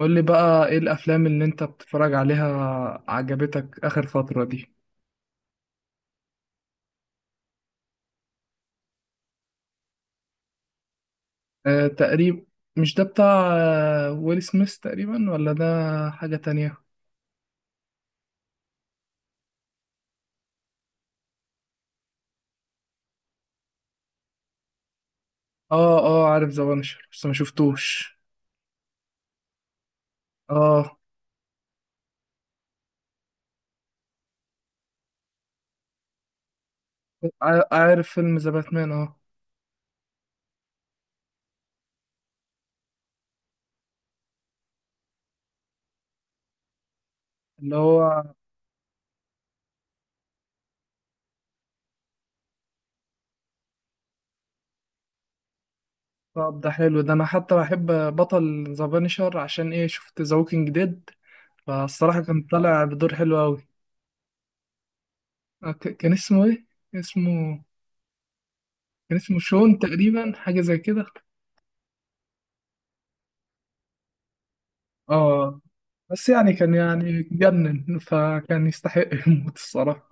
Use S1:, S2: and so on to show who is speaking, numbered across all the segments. S1: قول لي بقى ايه الافلام اللي انت بتتفرج عليها عجبتك اخر فترة دي؟ أه، تقريبا. مش ده بتاع ويل سميث تقريبا ولا ده حاجة تانية؟ اه اه، عارف ذا بانشر بس ما شفتوش. اه، عارف فيلم ذا باتمان. اه، اللي هو طب ده حلو، ده انا حتى بحب بطل ذا بانشر عشان ايه؟ شفت ذا ووكينج ديد، فالصراحة كان طالع بدور حلو قوي. كان اسمه ايه؟ اسمه كان اسمه شون تقريبا، حاجة زي كده. اه، بس يعني كان يعني جنن، فكان يستحق الموت الصراحة.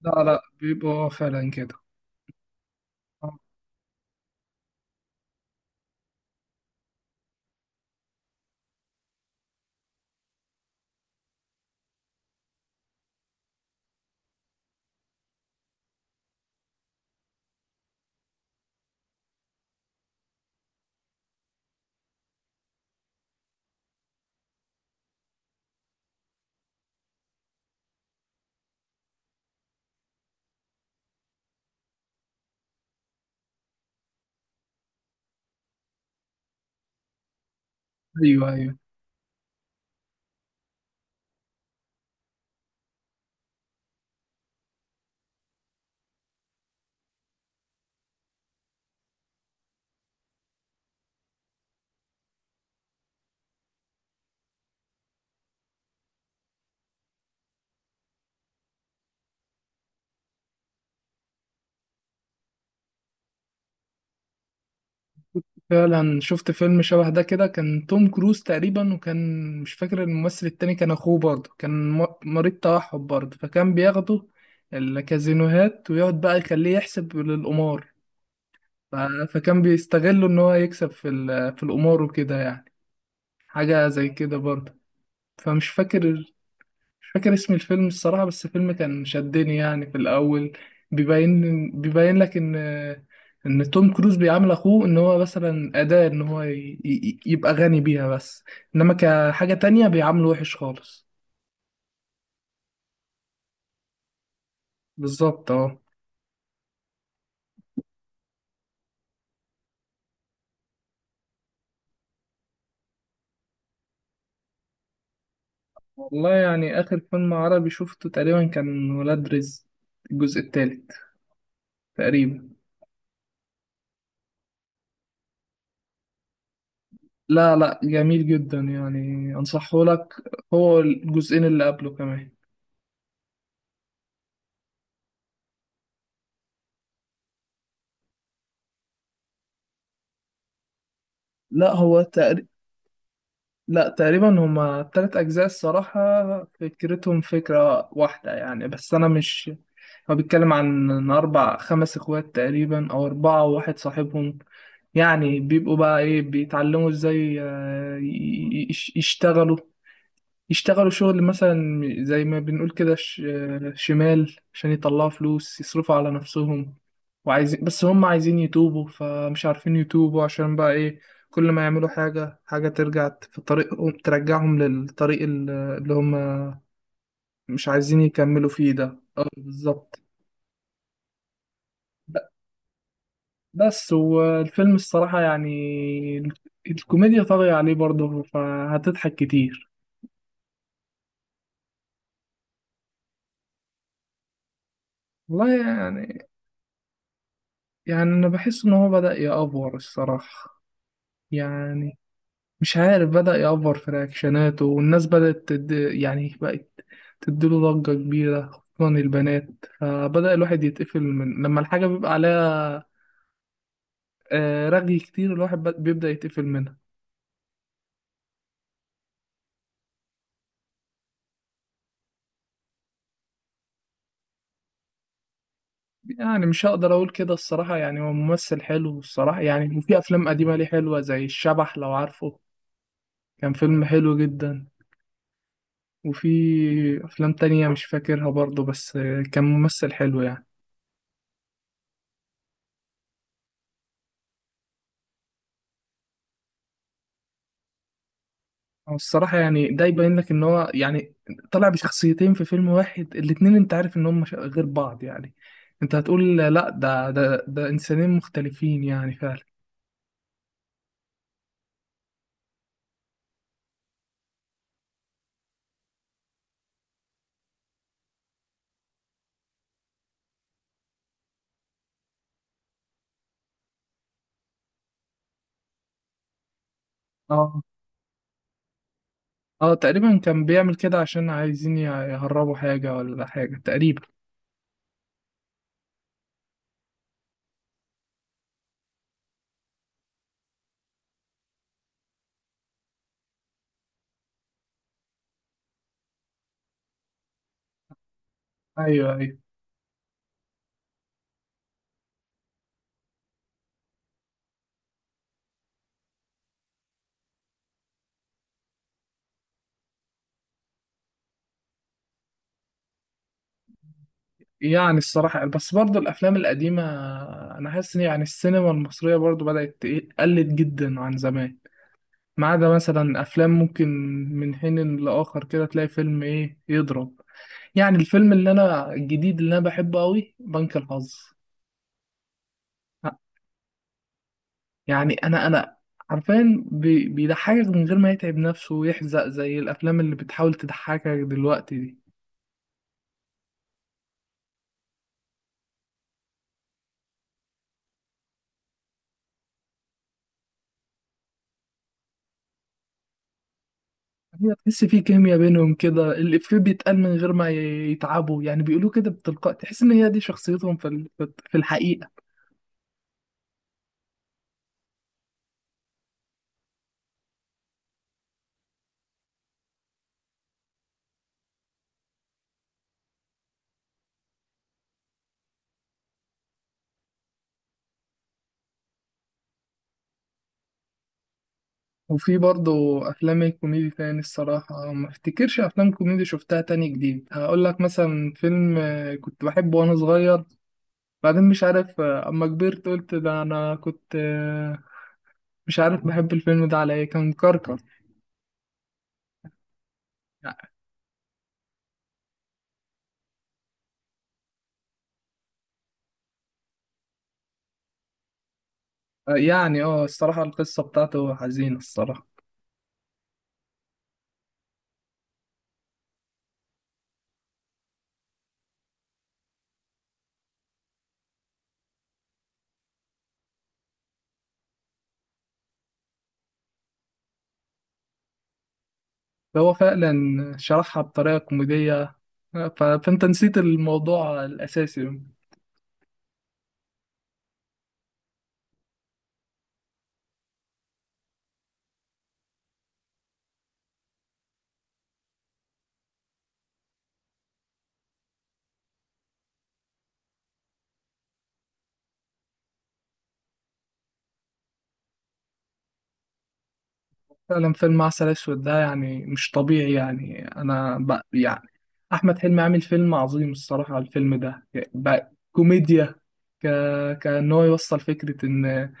S1: لا لا، بيبقى فعلا كده. آه، ايوه ايوه، فعلا شفت فيلم شبه ده كده، كان توم كروز تقريبا، وكان مش فاكر الممثل التاني، كان اخوه برضه، كان مريض توحد برضه، فكان بياخده الكازينوهات ويقعد بقى يخليه يحسب للقمار. ف- فكان بيستغله ان هو يكسب في في القمار وكده يعني. حاجة زي كده برضه. فمش فاكر. مش فاكر اسم الفيلم الصراحة، بس الفيلم كان شدني يعني في الأول. بيبين لك إن، إن توم كروز بيعامل أخوه إن هو مثلا أداة، إن هو يبقى غني بيها بس، إنما كحاجة تانية بيعامله وحش خالص. بالظبط، أه. والله يعني آخر فيلم عربي شفته تقريبا كان ولاد رزق، الجزء التالت تقريبا. لا لا، جميل جدا يعني، أنصحه لك. هو الجزئين اللي قبله كمان. لا هو تقريبا، لا تقريبا، هما تلات أجزاء الصراحة، فكرتهم فكرة واحدة يعني، بس أنا مش. هو بيتكلم عن إن أربع خمس إخوات تقريبا، أو أربعة وواحد صاحبهم، يعني بيبقوا بقى إيه، بيتعلموا إزاي يشتغلوا. يشتغلوا شغل مثلا زي ما بنقول كده، شمال، عشان يطلعوا فلوس يصرفوا على نفسهم، وعايزين، بس هم عايزين يتوبوا، فمش عارفين يتوبوا، عشان بقى ايه كل ما يعملوا حاجة، حاجة ترجع في طريقهم، ترجعهم للطريق اللي هم مش عايزين يكملوا فيه ده. اه، بالظبط. ب- بس والفيلم الصراحة يعني، ال- الكوميديا طاغية عليه برضه، فهتضحك كتير. والله يعني، يعني أنا بحس إن هو بدأ يأفور الصراحة يعني. مش عارف، بدأ يأفور في رياكشناته، والناس بدأت يعني بقت تديله ضجة كبيرة خصوصا البنات، فبدأ الواحد يتقفل من لما الحاجة بيبقى عليها رغي كتير، الواحد بيبدأ يتقفل منها. يعني مش هقدر أقول كده الصراحة، يعني هو ممثل حلو الصراحة يعني، وفي أفلام قديمة ليه حلوة زي الشبح لو عارفه، كان فيلم حلو جدا. وفي أفلام تانية مش فاكرها برضه، بس كان ممثل حلو يعني. هو الصراحة يعني ده يبين لك إن هو يعني طلع بشخصيتين في فيلم واحد، الاتنين أنت عارف إن هم غير بعض يعني، أنت هتقول لأ، ده إنسانين مختلفين يعني فعلا. أه، أه تقريبا كان بيعمل كده عشان عايزين يهربوا حاجة ولا حاجة تقريبا. أيوه أيوه، يعني الصراحة بس برضه الأفلام القديمة، أنا حاسس إن يعني السينما المصرية برضه بدأت قلت جدا عن زمان، ما عدا مثلا أفلام ممكن من حين لآخر كده تلاقي فيلم إيه يضرب. يعني الفيلم اللي انا الجديد اللي انا بحبه قوي بنك الحظ. يعني انا عارفين بيضحكك من غير ما يتعب نفسه ويحزق زي الافلام اللي بتحاول تضحكك دلوقتي دي. هي تحس في كيمياء بينهم كده، الإفيه بيتقال من غير ما يتعبوا، يعني بيقولوا كده بتلقاء، تحس ان هي دي شخصيتهم في في الحقيقة. وفي برضه افلام الكوميدي تاني الصراحة، ما افتكرش افلام كوميدي شفتها تاني جديد، هقول لك مثلا فيلم كنت بحبه وانا صغير، بعدين مش عارف اما كبرت قلت ده انا كنت مش عارف بحب الفيلم ده على ايه، كان كركر. آه، يعني اه الصراحة القصة بتاعته حزينة الصراحة. هو فعلا شرحها بطريقة كوميدية فانت نسيت الموضوع الاساسي. فعلا فيلم عسل اسود ده يعني مش طبيعي، يعني انا يعني احمد حلمي عامل فيلم عظيم الصراحة على الفيلم ده. ب... كوميديا. ك... كان هو يوصل فكرة ان،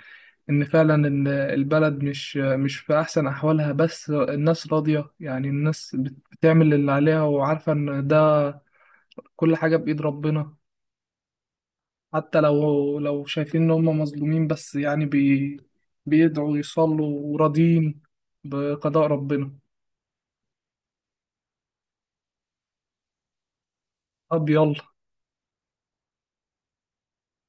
S1: ان فعلا البلد مش في احسن احوالها، بس الناس راضية، يعني الناس بتعمل اللي عليها وعارفة ان ده كل حاجة بإيد ربنا. حتى لو شايفين ان هم مظلومين، بس يعني بيدعوا يصلوا وراضيين بقضاء ربنا. طب يلا.